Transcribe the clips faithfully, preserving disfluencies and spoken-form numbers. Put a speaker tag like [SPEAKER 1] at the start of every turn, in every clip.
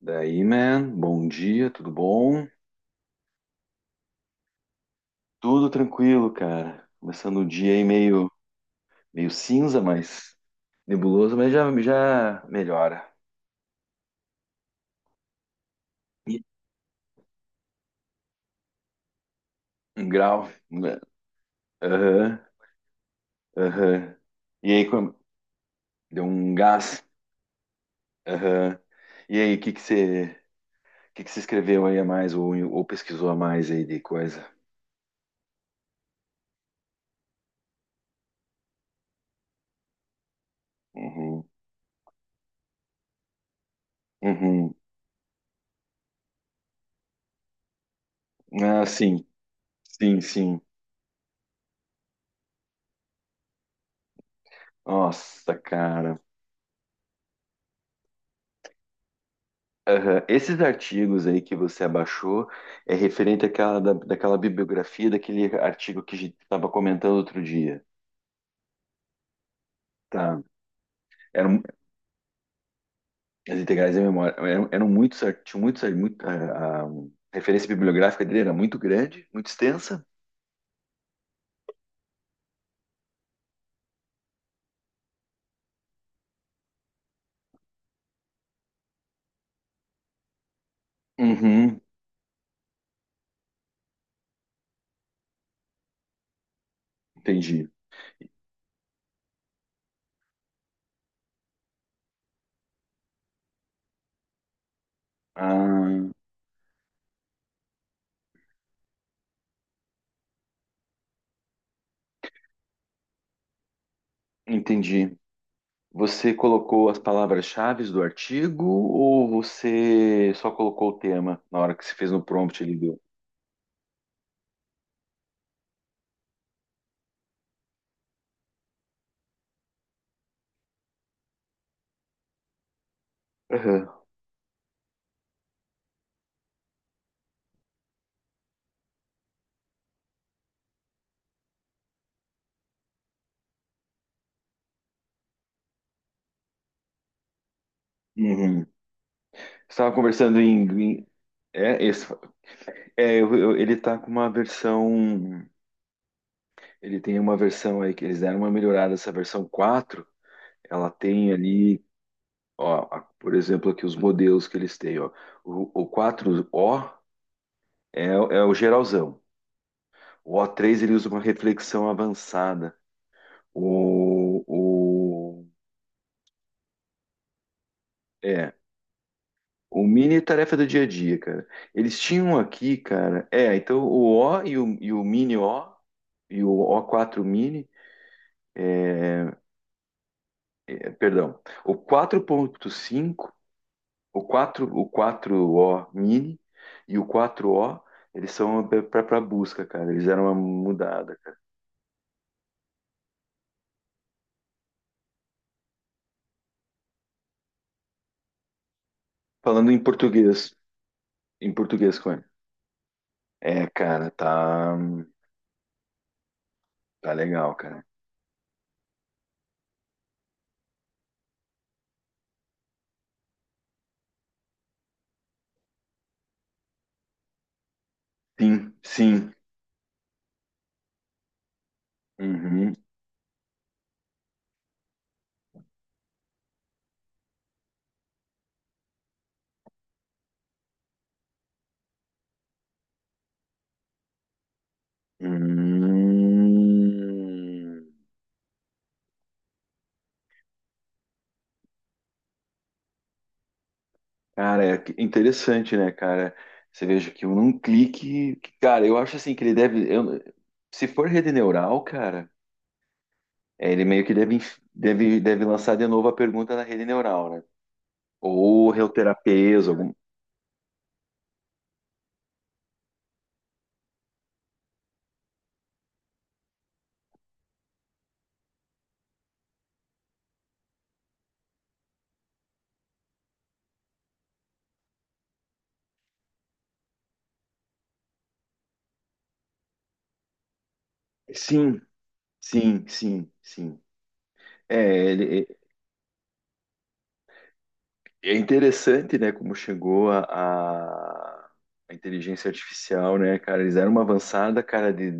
[SPEAKER 1] Daí, man, bom dia, tudo bom? Tudo tranquilo, cara. Começando o dia aí meio, meio cinza, mas nebuloso, mas já, já melhora. E um grau, né? Aham, aham. E aí, como- Deu um gás. Aham. E aí, o que que você, o que que você escreveu aí a mais, ou, ou pesquisou a mais aí de coisa? Uhum, uhum. Ah, sim, sim, sim. Nossa, cara. Aham. Esses artigos aí que você abaixou é referente àquela, da, daquela bibliografia, daquele artigo que a gente estava comentando outro dia, tá? Eram, as integrais da memória eram, eram muitos, ar- tinham muitos, ar- muito, a, a referência bibliográfica dele era muito grande, muito extensa. Uhum, entendi. Ah, entendi. Você colocou as palavras-chave do artigo, ou você só colocou o tema na hora que você fez no prompt ali do... Aham. Uhum. Estava conversando em, em- é, esse, é eu- eu- ele tá com uma versão, ele tem uma versão aí que eles deram uma melhorada. Essa versão quatro, ela tem ali, ó, a- por exemplo, aqui os modelos que eles têm, ó. O, o quatro o é, é o geralzão. O o três ele usa uma reflexão avançada. O, o é, o mini é tarefa do dia a dia, cara. Eles tinham aqui, cara, é, então o O, e o, e o mini O, e o o quatro mini, é, perdão, o quatro ponto cinco, o quatro, o quatro O mini e o quatro O, eles são para busca, cara. Eles eram uma mudada, cara. Falando em português, em português com ele. É, cara, tá, tá legal, cara. Sim, sim. Uhum. Hum. Cara, é que- interessante, né, cara? Você veja que num clique, que, cara, eu acho assim que ele deve, eu- se for rede neural, cara, é, ele meio que deve, deve, deve lançar de novo a pergunta na rede neural, né? Ou reuterapias, algum. Sim, sim, sim, sim. É, ele, é, é interessante, né, como chegou a, a, a inteligência artificial, né, cara? Eles eram uma avançada, cara, de-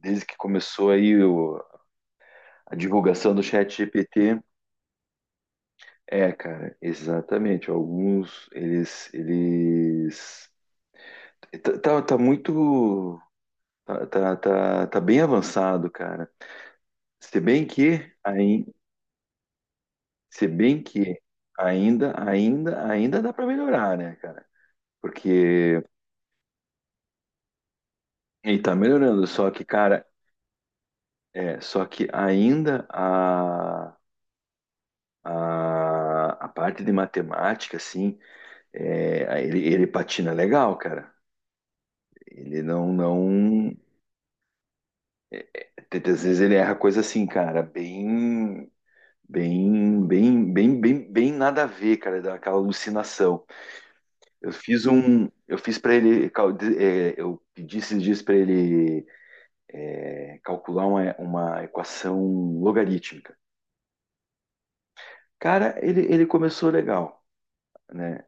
[SPEAKER 1] desde que começou aí o- a divulgação do chat G P T. É, cara, exatamente. Alguns, eles, eles... Tá, tá, tá muito... Tá, tá, tá, tá bem avançado, cara. Se bem que, aí, se bem que ainda, ainda, ainda dá para melhorar, né, cara? Porque ele tá melhorando, só que, cara, é, só que ainda a, a, a parte de matemática, assim, é, ele, ele patina legal, cara. Ele não, não, é, é, tem- às vezes ele erra coisa assim, cara, bem, bem, bem, bem, bem, bem nada a ver, cara, daquela alucinação. Eu fiz um, eu fiz para ele, cal- de- é, eu pedi esses dias para ele é, calcular uma, uma equação logarítmica. Cara, ele, ele começou legal, né?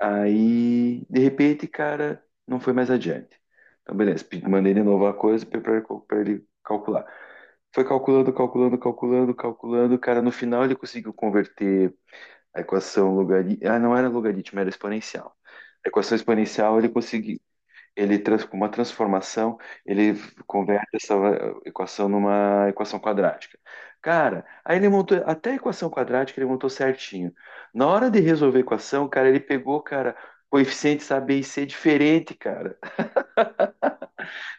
[SPEAKER 1] Aí, de repente, cara, não foi mais adiante. Então, beleza, pe- mandei de novo a coisa para ele calcular. Foi calculando, calculando, calculando, calculando. Cara, no final ele conseguiu converter a equação logarítmica. Ah, não era logaritmo, era exponencial. A equação exponencial ele conseguiu. Ele trans, com uma transformação, ele converte essa eh, equação numa equação quadrática. Cara, aí ele montou até a equação quadrática, ele montou certinho. Na hora de resolver a equação, cara, ele pegou, cara, coeficientes A, B e C diferente, cara.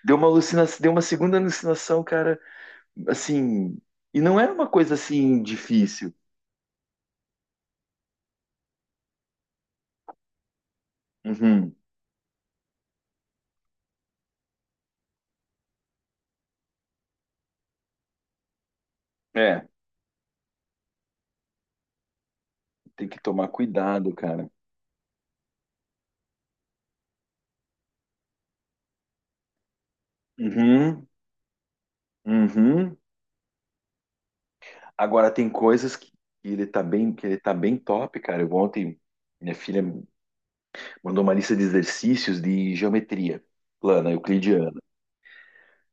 [SPEAKER 1] Deu uma alucinação, deu uma segunda alucinação, cara, assim, e não era uma coisa assim difícil. Uhum. É, tem que tomar cuidado, cara. Uhum. Uhum. Agora tem coisas que ele tá bem, que ele tá bem top, cara. Eu ontem minha filha mandou uma lista de exercícios de geometria plana, euclidiana.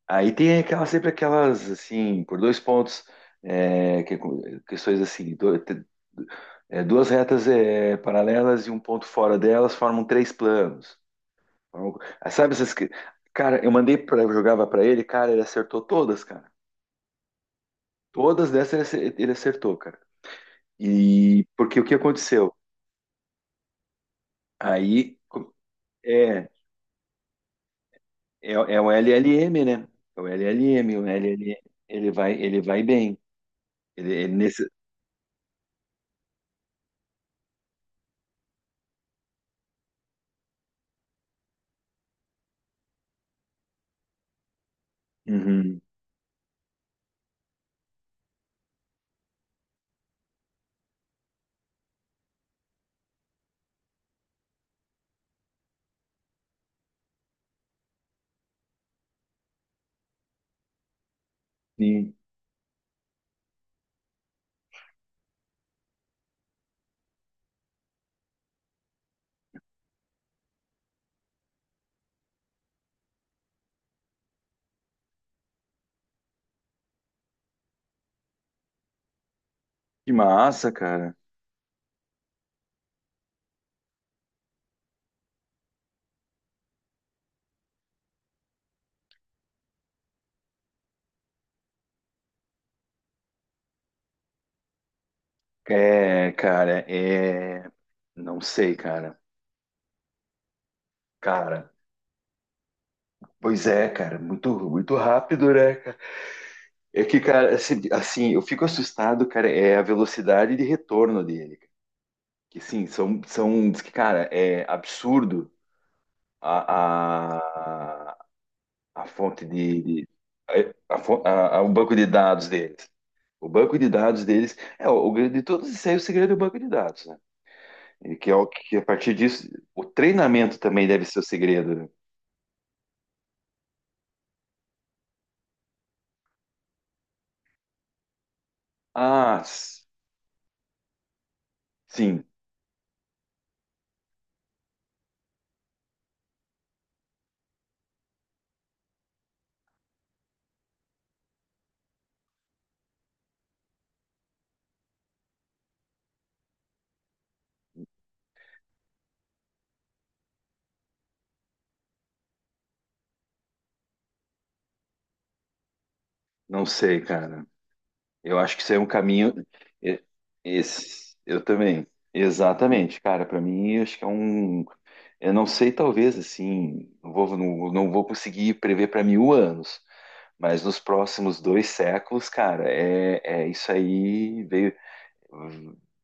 [SPEAKER 1] Aí tem aquela sempre aquelas assim, por dois pontos, é, que- questões assim, do- te- é, duas retas é, paralelas e um ponto fora delas formam três planos. Formam- ah, sabe essas que... Cara, eu mandei para jogava para ele, cara, ele acertou todas, cara. Todas dessas ele ace- ele acertou, cara. E porque o que aconteceu? Aí é, é, é o L L M, né? É o L L M, o L L M, ele vai, ele vai bem. Ele, ele nesse... Uhum, sim. Que massa, cara. É, cara, é. Não sei, cara. Cara, pois é, cara, muito, muito rápido, né, cara? É que, cara, assim, assim, eu fico assustado, cara, é a velocidade de retorno dele. Que sim, são, são, diz que, cara, é absurdo a, a- a fonte de, de- a, a fo- a- a- o banco de dados deles. O banco de dados deles é o, o grande de todos, isso aí é o segredo do banco de dados, né? E que é o que a partir disso o treinamento também deve ser o segredo, né? Ah, s- sim, não sei, cara. Eu acho que isso é um caminho. e- Esse, eu também. Exatamente, cara. Para mim, eu acho que é um. Eu não sei, talvez assim, não vou, não, não vou conseguir prever para mil anos, mas nos próximos dois séculos, cara, é, é isso aí veio,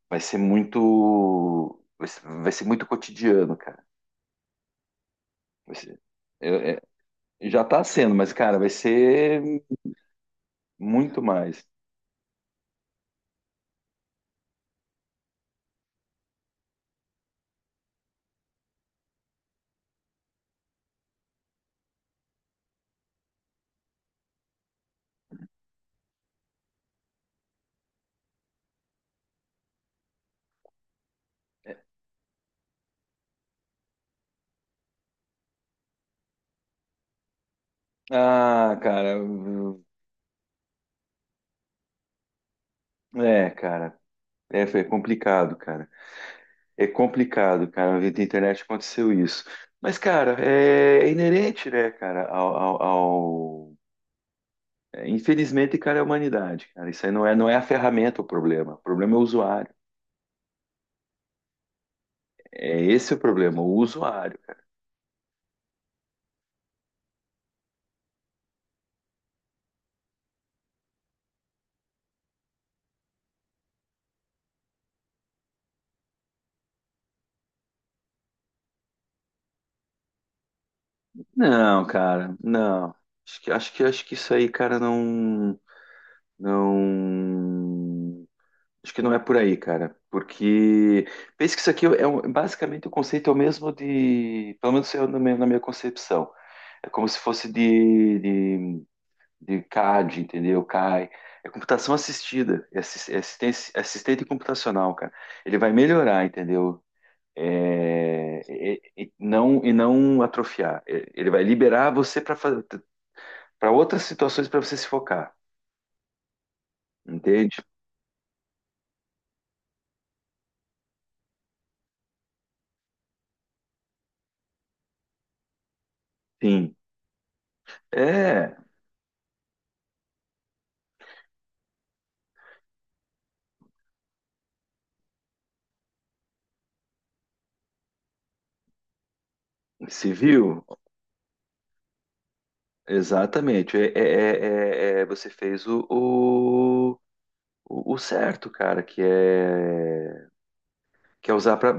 [SPEAKER 1] vai ser muito, vai ser, vai ser muito cotidiano, cara. Vai ser- é- é- já está sendo, mas, cara, vai ser muito mais. Ah, cara, é, cara, é, foi complicado, cara. É complicado, cara. Na vida da internet aconteceu isso. Mas, cara, é, é inerente, né, cara, ao, ao, ao- é, infelizmente, cara, é a humanidade, cara. Isso aí não é, não é a ferramenta o problema. O problema é o usuário. É esse o problema, o usuário. Não, cara, não. Acho que, acho que, acho que isso aí, cara, não, não. Acho que não é por aí, cara. Porque pensa que isso aqui é um- basicamente o conceito é o mesmo de, pelo menos eu, na minha, na minha concepção. É como se fosse de, de C A D, entendeu? C A I. É computação assistida, é assis- é assistência- assistente computacional, cara. Ele vai melhorar, entendeu? É, e, e não, e não atrofiar. É, ele vai liberar você para para outras situações para você se focar, entende? Sim. É, civil, exatamente. É, é- é- é- é, você fez o, o, o certo, cara, que é quer usar para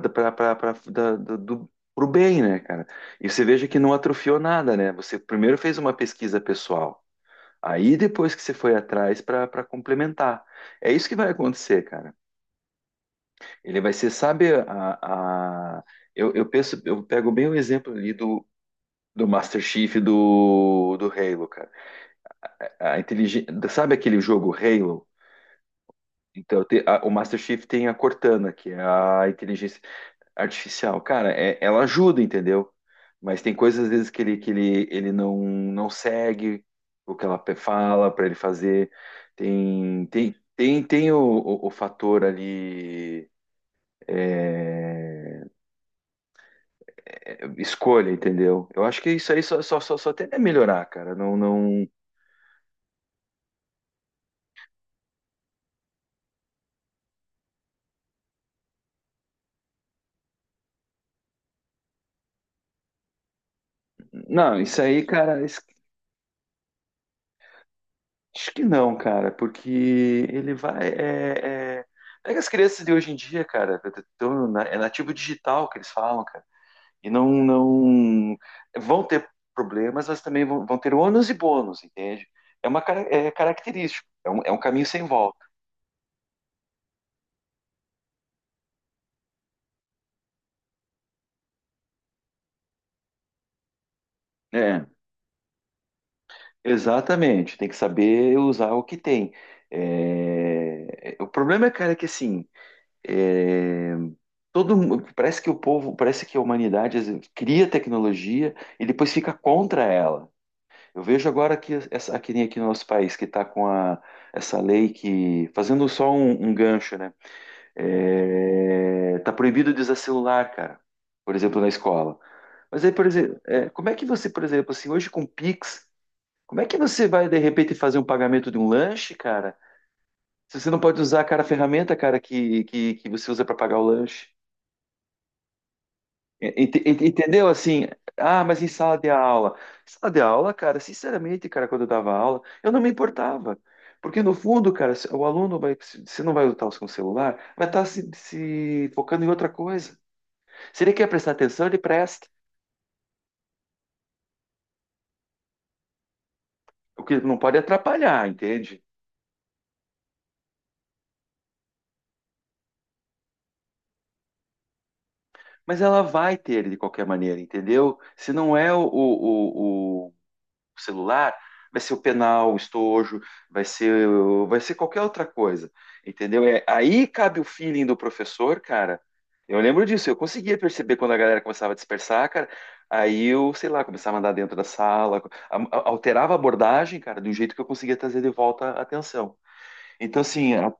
[SPEAKER 1] o bem, né, cara? E você veja que não atrofiou nada, né? Você primeiro fez uma pesquisa pessoal. Aí depois que você foi atrás para complementar. É isso que vai acontecer, cara. Ele vai ser, sabe, a, a- eu, eu penso, eu pego bem o exemplo ali do, do Master Chief do, do Halo, cara. A inteligência, sabe aquele jogo Halo? Então, te- a- o Master Chief tem a Cortana, que é a inteligência artificial. Cara, é- ela ajuda, entendeu? Mas tem coisas às vezes que ele, que ele, ele não, não segue o que ela pe- fala para ele fazer. Tem, tem, tem, tem o, o, o fator ali é, é, escolha, entendeu? Eu acho que isso aí só, só, só, só tende a melhorar, cara. Não, não, não, isso aí, cara, es- acho que não, cara, porque ele vai. É, é... Pega as crianças de hoje em dia, cara, tão na- é nativo digital que eles falam, cara. E não, não vão ter problemas, mas também vão, vão ter ônus e bônus, entende? É uma cara- é característico, é um, é um caminho sem volta. É, exatamente. Tem que saber usar o que tem. É, é, o problema, cara, é que assim, é, todo mu- parece que o povo, parece que a humanidade às vezes cria tecnologia e depois fica contra ela. Eu vejo agora que essa aqui, aqui no nosso país que está com a, essa lei que fazendo só um, um gancho, né? É, tá proibido de usar celular, cara. Por exemplo, na escola. Mas aí, por exemplo, é, como é que você, por exemplo, assim, hoje com Pix, como é que você vai de repente fazer um pagamento de um lanche, cara? Se você não pode usar, cara, a ferramenta, cara, que, que, que você usa para pagar o lanche. Ent- ent- Entendeu? Assim, ah, mas em sala de aula. Sala de aula, cara, sinceramente, cara, quando eu dava aula, eu não me importava. Porque no fundo, cara, se- o aluno vai, se se não vai lutar com o celular, vai estar se, se focando em outra coisa. Se ele quer prestar atenção, ele presta. O que não pode atrapalhar, entende? Mas ela vai ter ele de qualquer maneira, entendeu? Se não é o, o, o celular, vai ser o penal, o estojo, vai ser, vai ser qualquer outra coisa, entendeu? É, aí cabe o feeling do professor, cara. Eu lembro disso, eu conseguia perceber quando a galera começava a dispersar, cara. Aí eu, sei lá, começava a andar dentro da sala, a- a- alterava a abordagem, cara, de um jeito que eu conseguia trazer de volta a atenção. Então, assim, a-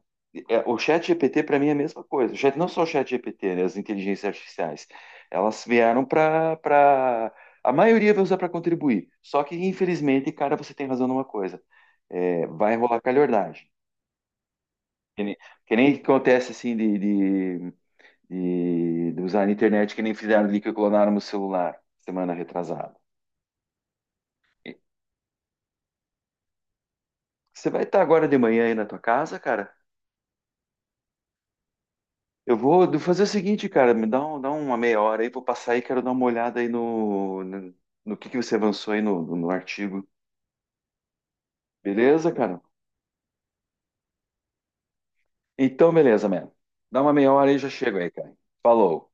[SPEAKER 1] é, o chat G P T para mim é a mesma coisa. O chat, não só o chat G P T, né, as inteligências artificiais. Elas vieram para... Pra... pra- a maioria vai usar para contribuir. Só que, infelizmente, cara, você tem razão numa coisa. É, vai rolar calhordagem. Que nem, que nem acontece, assim, de, de, de- de usar a internet, que nem fizeram ali que clonaram o celular semana retrasada. E você vai estar agora de manhã aí na tua casa, cara? Eu vou do- fazer o seguinte, cara, me dá, um- dá uma meia hora aí, vou passar aí, quero dar uma olhada aí no, no, no que, que você avançou aí no, no no artigo. Beleza, cara? Então, beleza, mano. Dá uma meia hora aí, já chego aí, cara. Falou.